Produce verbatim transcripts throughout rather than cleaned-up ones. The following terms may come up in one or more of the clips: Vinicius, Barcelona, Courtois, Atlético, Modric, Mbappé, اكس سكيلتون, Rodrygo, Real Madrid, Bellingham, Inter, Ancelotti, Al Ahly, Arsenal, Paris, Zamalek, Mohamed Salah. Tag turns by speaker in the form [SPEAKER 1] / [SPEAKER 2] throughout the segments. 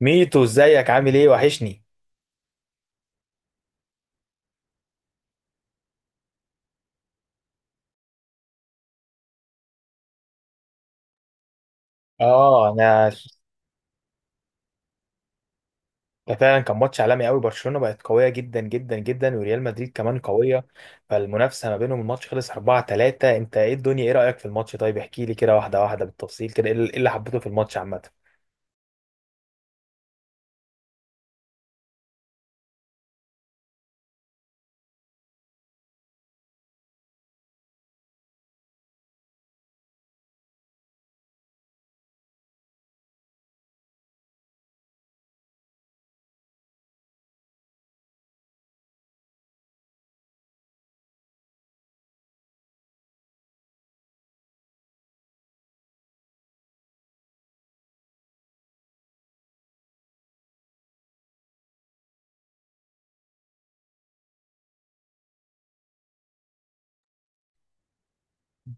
[SPEAKER 1] ميتو ازيك عامل ايه وحشني. اه، انا ده فعلا كان ماتش عالمي قوي. برشلونه بقت قويه جدا جدا جدا، وريال مدريد كمان قويه، فالمنافسه ما بينهم. الماتش خلص اربعه تلاته. انت ايه الدنيا، ايه رايك في الماتش؟ طيب احكي لي كده واحده واحده بالتفصيل كده، ايه اللي إيه اللي حبيته في الماتش عامه؟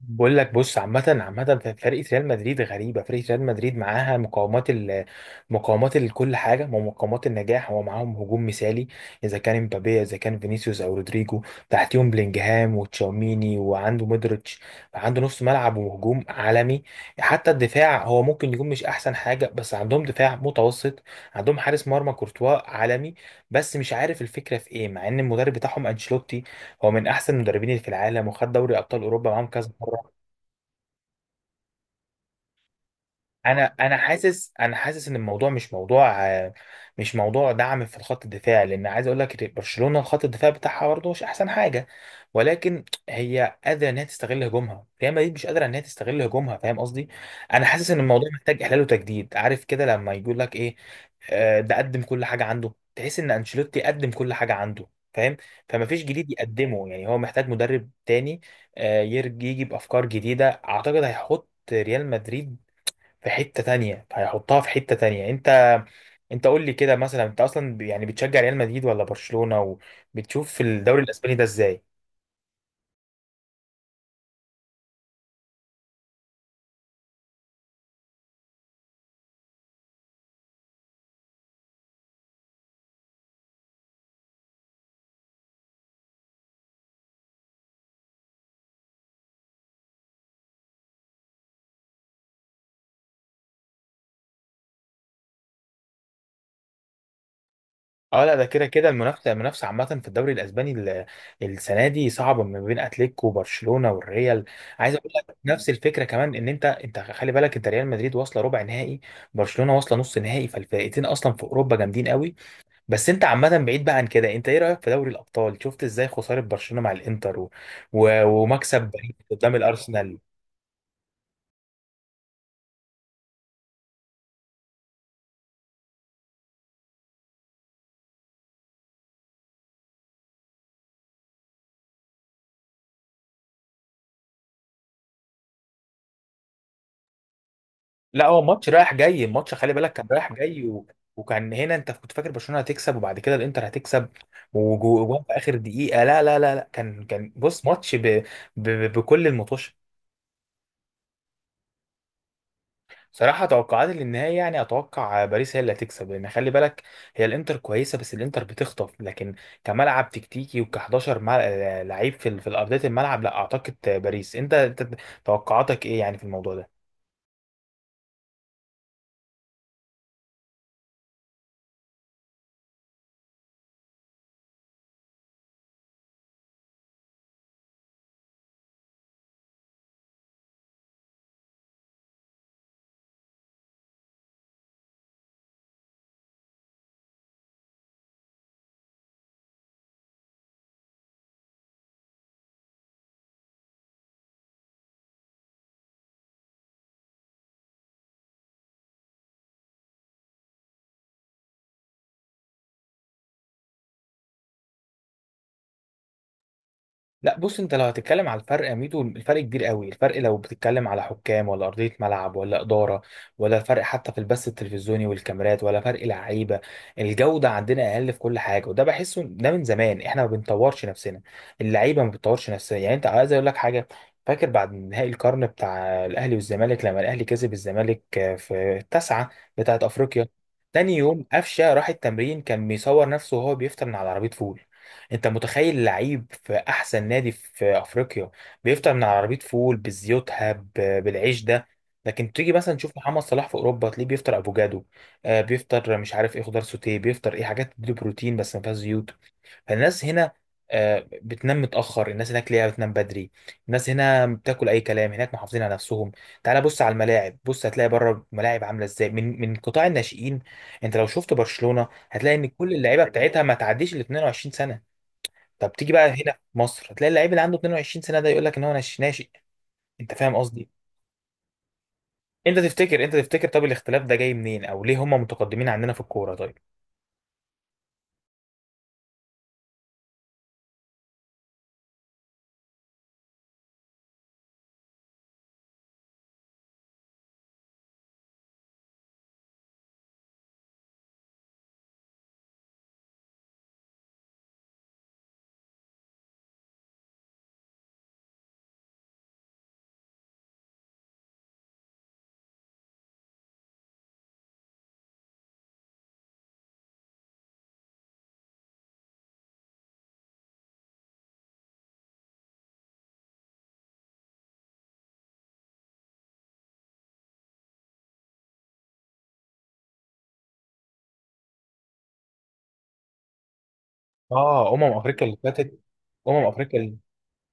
[SPEAKER 1] بقول لك بص، عامة عامة فرقة ريال مدريد غريبة. فرقة ريال مدريد معاها مقومات ال مقومات لكل حاجة، ومقومات النجاح هو معاهم. هجوم مثالي، إذا كان مبابي، إذا كان فينيسيوس أو رودريجو، تحتيهم بلينجهام وتشاوميني وعنده مودريتش. عنده نص ملعب وهجوم عالمي. حتى الدفاع هو ممكن يكون مش أحسن حاجة، بس عندهم دفاع متوسط. عندهم حارس مرمى كورتوا عالمي. بس مش عارف الفكرة في إيه، مع إن المدرب بتاعهم أنشيلوتي هو من أحسن المدربين اللي في العالم، وخد دوري أبطال أوروبا معاهم كذا مرة. انا انا حاسس، انا حاسس ان الموضوع مش موضوع آه، مش موضوع دعم في الخط الدفاع، لان عايز اقول لك برشلونه الخط الدفاع بتاعها برضه مش احسن حاجه، ولكن هي قادره ان هي تستغل هجومها. ريال مدريد مش قادره ان هي تستغل هجومها، فاهم قصدي؟ انا حاسس ان الموضوع محتاج احلال وتجديد، عارف كده لما يقول لك ايه، آه، ده قدم كل حاجه عنده. تحس ان انشيلوتي قدم كل حاجه عنده، فاهم؟ فمفيش جديد يقدمه، يعني هو محتاج مدرب تاني آه، يرج- يجي بافكار جديده. اعتقد هيحط ريال مدريد في حتة تانية، هيحطها في حتة تانية. انت انت قول لي كده مثلا، انت اصلا ب- يعني بتشجع ريال مدريد ولا برشلونة؟ وبتشوف في الدوري الاسباني ده ازاي؟ اه لا، ده كده كده المنافسة، المنافسة عامة في الدوري الاسباني ال- السنة دي صعبة ما بين اتلتيكو وبرشلونة والريال. عايز اقول لك نفس الفكرة كمان، ان انت انت خلي بالك، انت ريال مدريد واصلة ربع نهائي، برشلونة واصلة نص نهائي، فالفرقتين اصلا في اوروبا جامدين قوي. بس انت عامة بعيد بقى عن كده، انت ايه رأيك في دوري الأبطال؟ شفت ازاي خسارة برشلونة مع الانتر و... و... ومكسب باريس قدام الأرسنال؟ لا هو ماتش رايح جاي، الماتش خلي بالك كان رايح جاي و... وكان هنا انت كنت فاكر برشلونة هتكسب، وبعد كده الانتر هتكسب، وجو- وجوان في آخر دقيقة. لا لا لا لا، كان كان بص ماتش ب... ب... ب- بكل المطوش. صراحة توقعاتي للنهاية، يعني أتوقع باريس هي اللي هتكسب، لأن خلي بالك، هي الإنتر كويسة، بس الإنتر بتخطف، لكن كملعب تكتيكي وك11 مل... لعيب في ال- في أرضية الملعب، لا أعتقد باريس. أنت أنت توقعاتك إيه يعني في الموضوع ده؟ لا بص، انت لو هتتكلم على الفرق يا ميدو، الفرق كبير قوي. الفرق لو بتتكلم على حكام، ولا ارضيه ملعب، ولا اداره، ولا فرق حتى في البث التلفزيوني والكاميرات، ولا فرق لعيبه. الجوده عندنا اقل في كل حاجه، وده بحسه ده من زمان. احنا ما بنطورش نفسنا، اللعيبه ما بتطورش نفسها. يعني انت عايز اقول لك حاجه، فاكر بعد نهائي القرن بتاع الاهلي والزمالك، لما الاهلي كسب الزمالك في التاسعه بتاعت افريقيا، تاني يوم قفشه راح التمرين، كان بيصور نفسه وهو بيفطر من على عربيه فول. انت متخيل لعيب في احسن نادي في افريقيا بيفطر من على عربيه فول بزيوتها ب- بالعيش ده؟ لكن تيجي مثلا تشوف محمد صلاح في اوروبا، تلاقيه بيفطر افوكادو، آه بيفطر مش عارف ايه، خضار سوتيه، بيفطر ايه حاجات تديله بروتين بس ما فيهاش زيوت. فالناس هنا آه بتنام متاخر، الناس هناك ليها بتنام بدري. الناس هنا بتاكل اي كلام، هناك محافظين على نفسهم. تعال بص على الملاعب، بص هتلاقي بره الملاعب عامله ازاي، من من قطاع الناشئين. انت لو شفت برشلونه هتلاقي ان كل اللعيبه بتاعتها ما تعديش ال اتنين وعشرين. طب تيجي بقى هنا في مصر، هتلاقي اللعيب اللي عنده اتنين وعشرين سنه ده يقول لك ان هو ناش- ناشئ. انت فاهم قصدي؟ انت تفتكر انت تفتكر طب الاختلاف ده جاي منين، او ليه هم متقدمين عندنا في الكوره؟ طيب اه، امم افريقيا اللي فاتت، امم افريقيا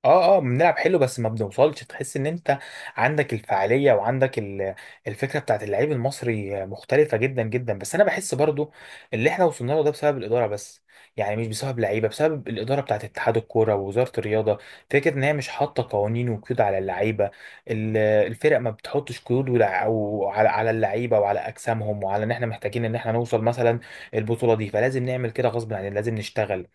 [SPEAKER 1] اه اه، بنلعب حلو بس ما بنوصلش. تحس ان انت عندك الفعاليه وعندك ال- الفكره بتاعت اللعيب المصري مختلفه جدا جدا، بس انا بحس برضو اللي احنا وصلنا له ده بسبب الاداره بس. يعني مش بسبب لعيبه، بسبب الاداره بتاعت اتحاد الكوره ووزاره الرياضه. فكره ان هي مش حاطه قوانين وقيود على اللعيبه، ال- الفرق ما بتحطش قيود ولا- أو على على اللعيبه وعلى اجسامهم، وعلى ان احنا محتاجين ان احنا نوصل مثلا البطوله دي، فلازم نعمل كده غصب عننا، لازم نشتغل.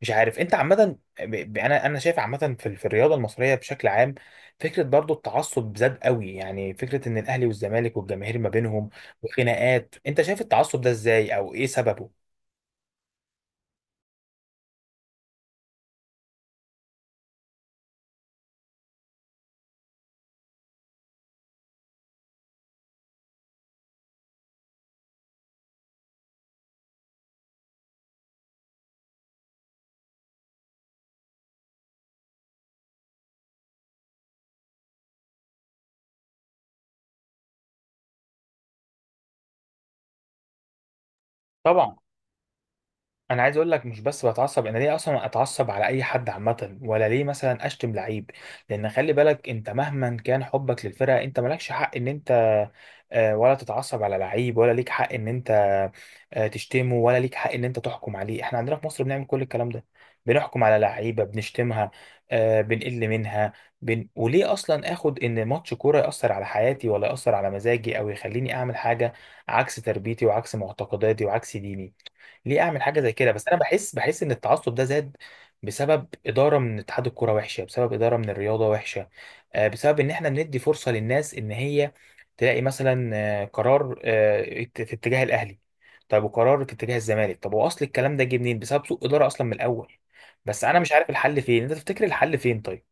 [SPEAKER 1] مش عارف، انت عامه ب- ب- انا انا شايف عامه في في الرياضه المصريه بشكل عام، فكره برضو التعصب زاد قوي. يعني فكره ان الاهلي والزمالك والجماهير ما بينهم وخناقات. انت شايف التعصب ده ازاي، او ايه سببه؟ طبعا، انا عايز اقول لك مش بس بتعصب، انا ليه اصلا اتعصب على اي حد عامه؟ ولا ليه مثلا اشتم لعيب؟ لان خلي بالك، انت مهما كان حبك للفرقه، انت مالكش حق ان انت آه، ولا تتعصب على لعيب، ولا ليك حق ان انت آه، تشتمه، ولا ليك حق ان انت تحكم عليه. احنا عندنا في مصر بنعمل كل الكلام ده، بنحكم على لعيبه، بنشتمها آه، بنقل منها. بن... وليه اصلا اخد ان ماتش كوره ياثر على حياتي، ولا ياثر على مزاجي، او يخليني اعمل حاجه عكس تربيتي وعكس معتقداتي وعكس ديني؟ ليه اعمل حاجه زي كده؟ بس انا بحس، بحس ان التعصب ده زاد بسبب اداره من اتحاد الكوره وحشه، بسبب اداره من الرياضه وحشه، آه، بسبب ان احنا بندي فرصه للناس ان هي تلاقي مثلا آه، قرار آه، ات- في اتجاه الاهلي، طب وقرار في اتجاه الزمالك. طب هو اصل الكلام ده جه منين؟ بسبب سوء اداره اصلا من الاول. بس انا مش عارف الحل فين، انت تفتكر الحل فين؟ طيب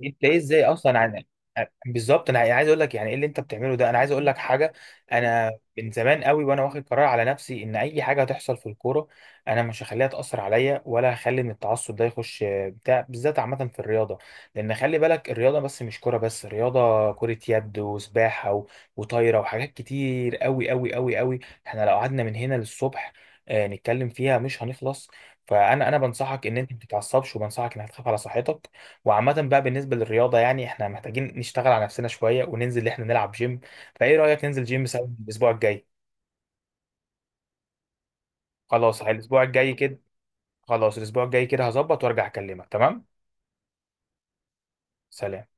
[SPEAKER 1] جبت ايه ازاي اصلا عن بالظبط؟ انا يعني عايز اقول لك يعني ايه اللي انت بتعمله ده. انا عايز اقول لك حاجه، انا من زمان قوي وانا واخد قرار على نفسي، ان اي حاجه هتحصل في الكوره انا مش هخليها تاثر عليا، ولا هخلي ان التعصب ده يخش بتاع بالذات عامه في الرياضه. لان خلي بالك، الرياضه بس مش كوره بس، الرياضه كره يد وسباحه و- وطايره وحاجات كتير قوي قوي قوي قوي. احنا لو قعدنا من هنا للصبح آه، نتكلم فيها مش هنخلص. فانا انا بنصحك ان انت ما تتعصبش، وبنصحك انك تخاف على صحتك. وعامة بقى بالنسبة للرياضة، يعني احنا محتاجين نشتغل على نفسنا شوية، وننزل اللي احنا نلعب جيم. فايه رأيك ننزل جيم سوا الأسبوع الجاي؟ خلاص الأسبوع الجاي كده، خلاص الأسبوع الجاي كده هظبط وارجع أكلمك، تمام؟ سلام.